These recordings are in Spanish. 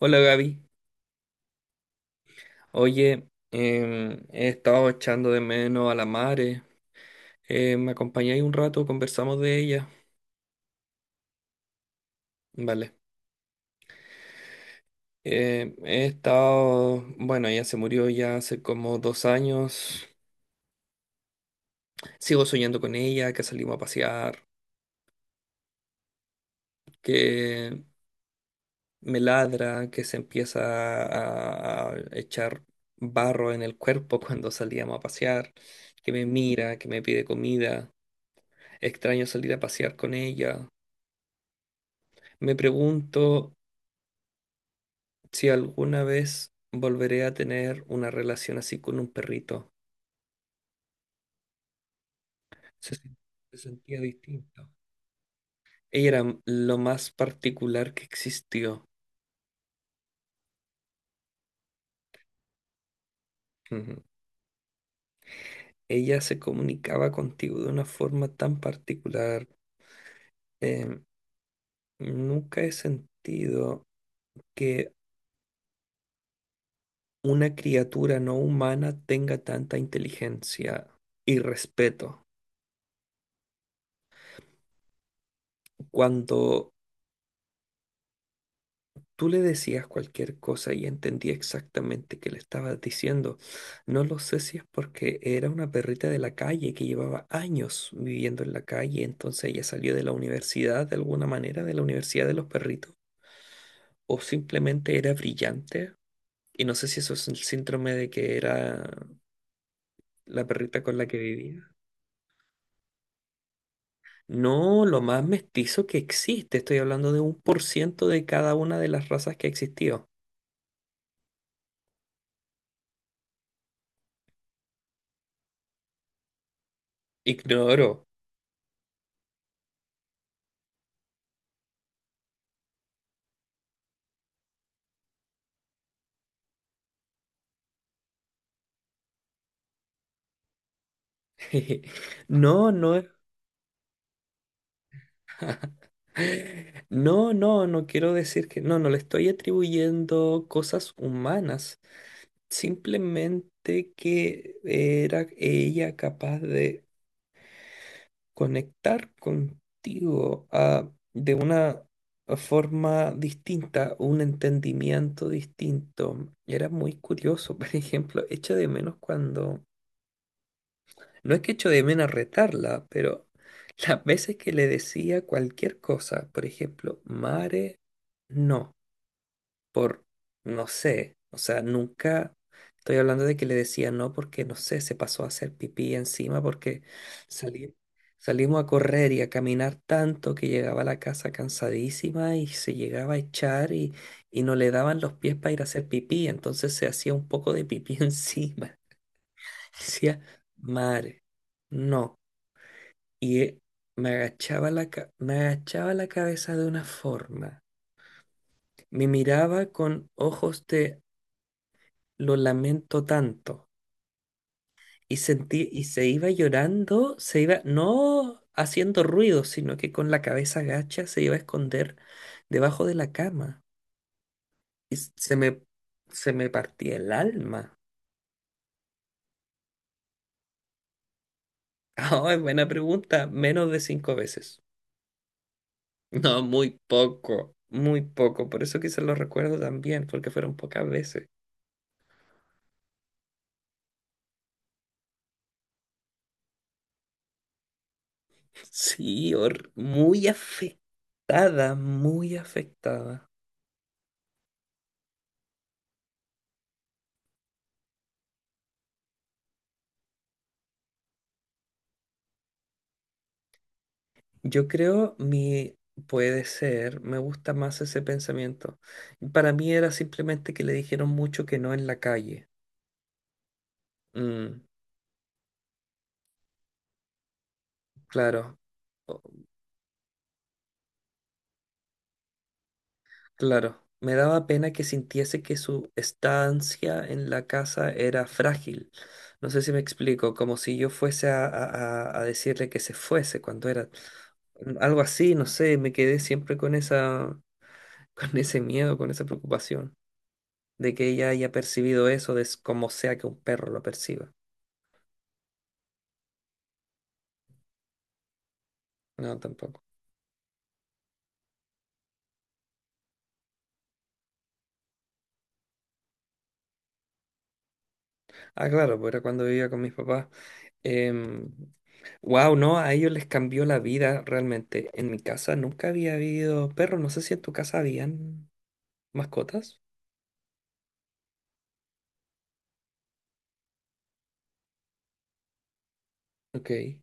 Hola Gaby, oye, he estado echando de menos a la Mare. ¿Me acompañáis un rato? Conversamos de ella. Vale. He estado, bueno, ella se murió ya hace como 2 años. Sigo soñando con ella, que salimos a pasear, que me ladra, que se empieza a echar barro en el cuerpo cuando salíamos a pasear, que me mira, que me pide comida. Extraño salir a pasear con ella. Me pregunto si alguna vez volveré a tener una relación así con un perrito. Se, sen- se sentía distinto. Ella era lo más particular que existió. Ujú. Ella se comunicaba contigo de una forma tan particular. Em, nunca he sentido que una criatura no humana tenga tanta inteligencia y respeto. Cuando tú le decías cualquier cosa y entendía exactamente qué le estabas diciendo. No lo sé si es porque era una perrita de la calle que llevaba años viviendo en la calle, entonces ella salió de la universidad de alguna manera, de la universidad de los perritos, o simplemente era brillante. Y no sé si eso es el síndrome de que era la perrita con la que vivía. No, lo más mestizo que existe. Estoy hablando de un por ciento de cada una de las razas que existió. Ignoro. No, no es. No, no, no quiero decir que no, no le estoy atribuyendo cosas humanas, simplemente que era ella capaz de conectar contigo de una forma distinta, un entendimiento distinto. Era muy curioso, por ejemplo, echo de menos cuando no es que echo de menos retarla, pero las veces que le decía cualquier cosa, por ejemplo, mare, no, por no sé, o sea, nunca estoy hablando de que le decía no porque no sé, se pasó a hacer pipí encima porque salí- salimos a correr y a caminar tanto que llegaba a la casa cansadísima y se llegaba a echar y no le daban los pies para ir a hacer pipí, entonces se hacía un poco de pipí encima. Decía, mare, no, y me agachaba la, me agachaba la cabeza de una forma. Me miraba con ojos de lo lamento tanto. Y sentí, y se iba llorando, se iba, no haciendo ruido, sino que con la cabeza agacha se iba a esconder debajo de la cama. Y se me partía el alma. Ah, es buena pregunta. Menos de 5 veces. No, muy poco, muy poco. Por eso quizás lo recuerdo también, porque fueron pocas veces. Sí, muy afectada, muy afectada. Yo creo mi puede ser, me gusta más ese pensamiento. Para mí era simplemente que le dijeron mucho que no en la calle. Mm, claro, o- claro. Me daba pena que sintiese que su estancia en la casa era frágil. No sé si me explico, como si yo fuese a, a decirle que se fuese cuando era algo así, no sé, me quedé siempre con esa. Con ese miedo, con esa preocupación de que ella haya percibido eso de como sea que un perro lo perciba. No, tampoco. Ah, claro, pues era cuando vivía con mis papás. Wow, no, a ellos les cambió la vida realmente. En mi casa nunca había habido perros. No sé si en tu casa habían mascotas. Ok.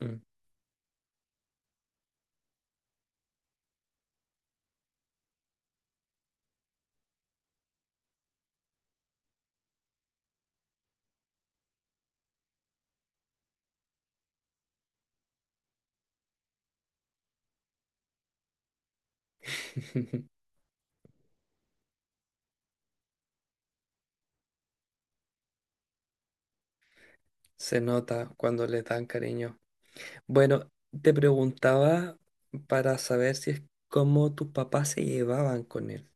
Mm. Se nota cuando les dan cariño. Bueno, te preguntaba para saber si es cómo tus papás se llevaban con él.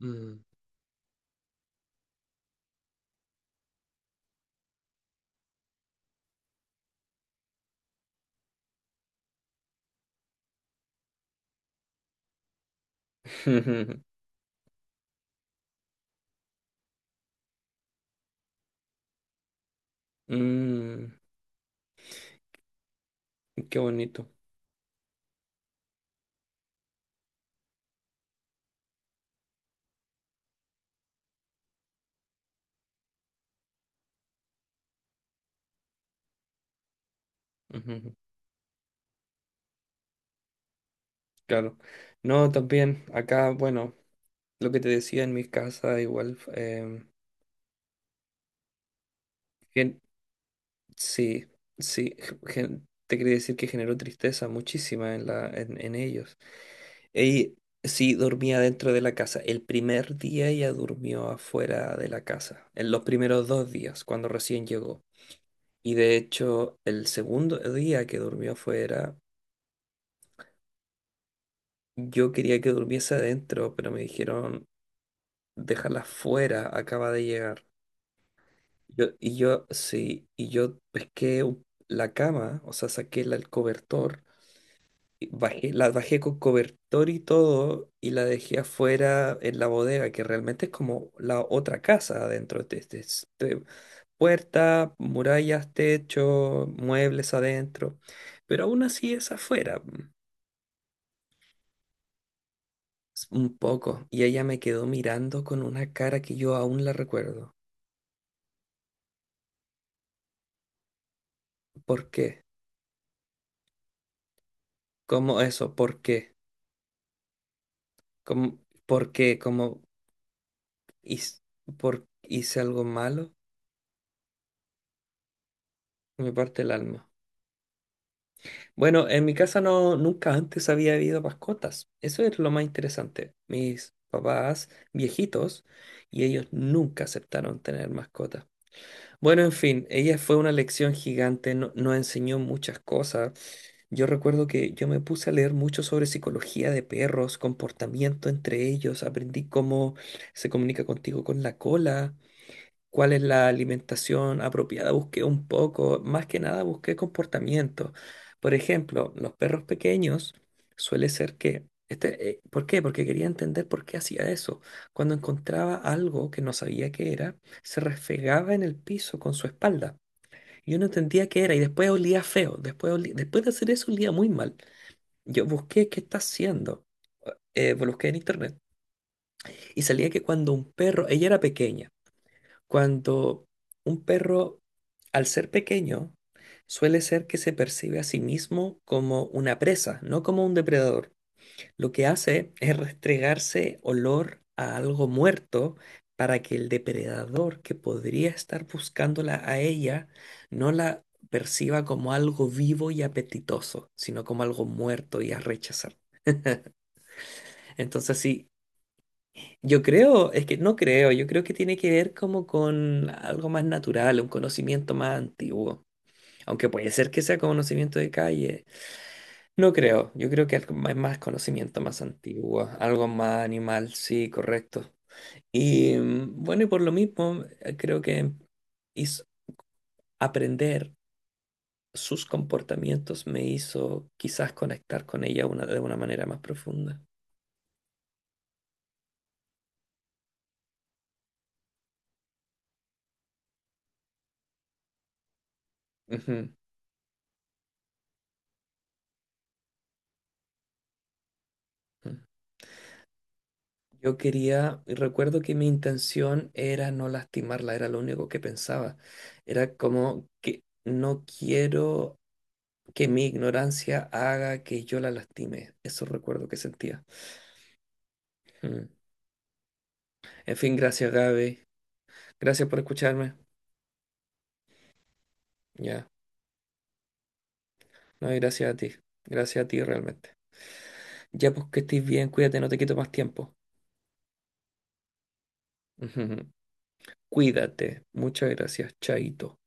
Mm. Mm, qué bonito. Ujú, claro. No, también acá, bueno, lo que te decía en mi casa, igual, gen- sí, sí, te quería decir que generó tristeza muchísima en la, en ellos. Y sí, dormía dentro de la casa. El primer día ella durmió afuera de la casa, en los primeros 2 días, cuando recién llegó. Y de hecho, el segundo día que durmió afuera, yo quería que durmiese adentro, pero me dijeron déjala fuera, acaba de llegar. Yo, y yo, sí, y yo pesqué la cama, o sea, saqué el cobertor, y bajé, la bajé con cobertor y todo, y la dejé afuera en la bodega, que realmente es como la otra casa adentro. Puerta, murallas, techo, muebles adentro, pero aún así es afuera, un poco. Y ella me quedó mirando con una cara que yo aún la recuerdo. ¿Por qué? ¿Cómo eso? ¿Por qué? Como, porque como hice, por, hice algo malo, me parte el alma. Bueno, en mi casa no, nunca antes había habido mascotas. Eso es lo más interesante. Mis papás viejitos y ellos nunca aceptaron tener mascotas. Bueno, en fin, ella fue una lección gigante, nos enseñó muchas cosas. Yo recuerdo que yo me puse a leer mucho sobre psicología de perros, comportamiento entre ellos, aprendí cómo se comunica contigo con la cola, cuál es la alimentación apropiada. Busqué un poco, más que nada busqué comportamiento. Por ejemplo, los perros pequeños suele ser que... Este, ¿por qué? Porque quería entender por qué hacía eso. Cuando encontraba algo que no sabía qué era, se refregaba en el piso con su espalda. Yo no entendía qué era y después olía feo. Después, después de hacer eso olía muy mal. Yo busqué qué está haciendo. Busqué en internet y salía que cuando un perro, ella era pequeña, cuando un perro, al ser pequeño, suele ser que se percibe a sí mismo como una presa, no como un depredador. Lo que hace es restregarse olor a algo muerto para que el depredador que podría estar buscándola a ella no la perciba como algo vivo y apetitoso, sino como algo muerto y a rechazar. Entonces, sí. Yo creo, es que no creo, yo creo que tiene que ver como con algo más natural, un conocimiento más antiguo. Aunque puede ser que sea conocimiento de calle. No creo, yo creo que algo más, más conocimiento más antiguo, algo más animal, sí, correcto. Y bueno, y por lo mismo, creo que hizo- aprender sus comportamientos me hizo quizás conectar con ella una, de una manera más profunda. Ujú, ujú. Yo quería, y recuerdo que mi intención era no lastimarla, era lo único que pensaba. Era como que no quiero que mi ignorancia haga que yo la lastime. Eso recuerdo que sentía. Mm. En fin, gracias Gaby. Gracias por escucharme. Ya. No, y gracias a ti. Gracias a ti realmente. Ya pues que estés bien, cuídate, no te quito más tiempo. Cuídate. Muchas gracias, Chaito.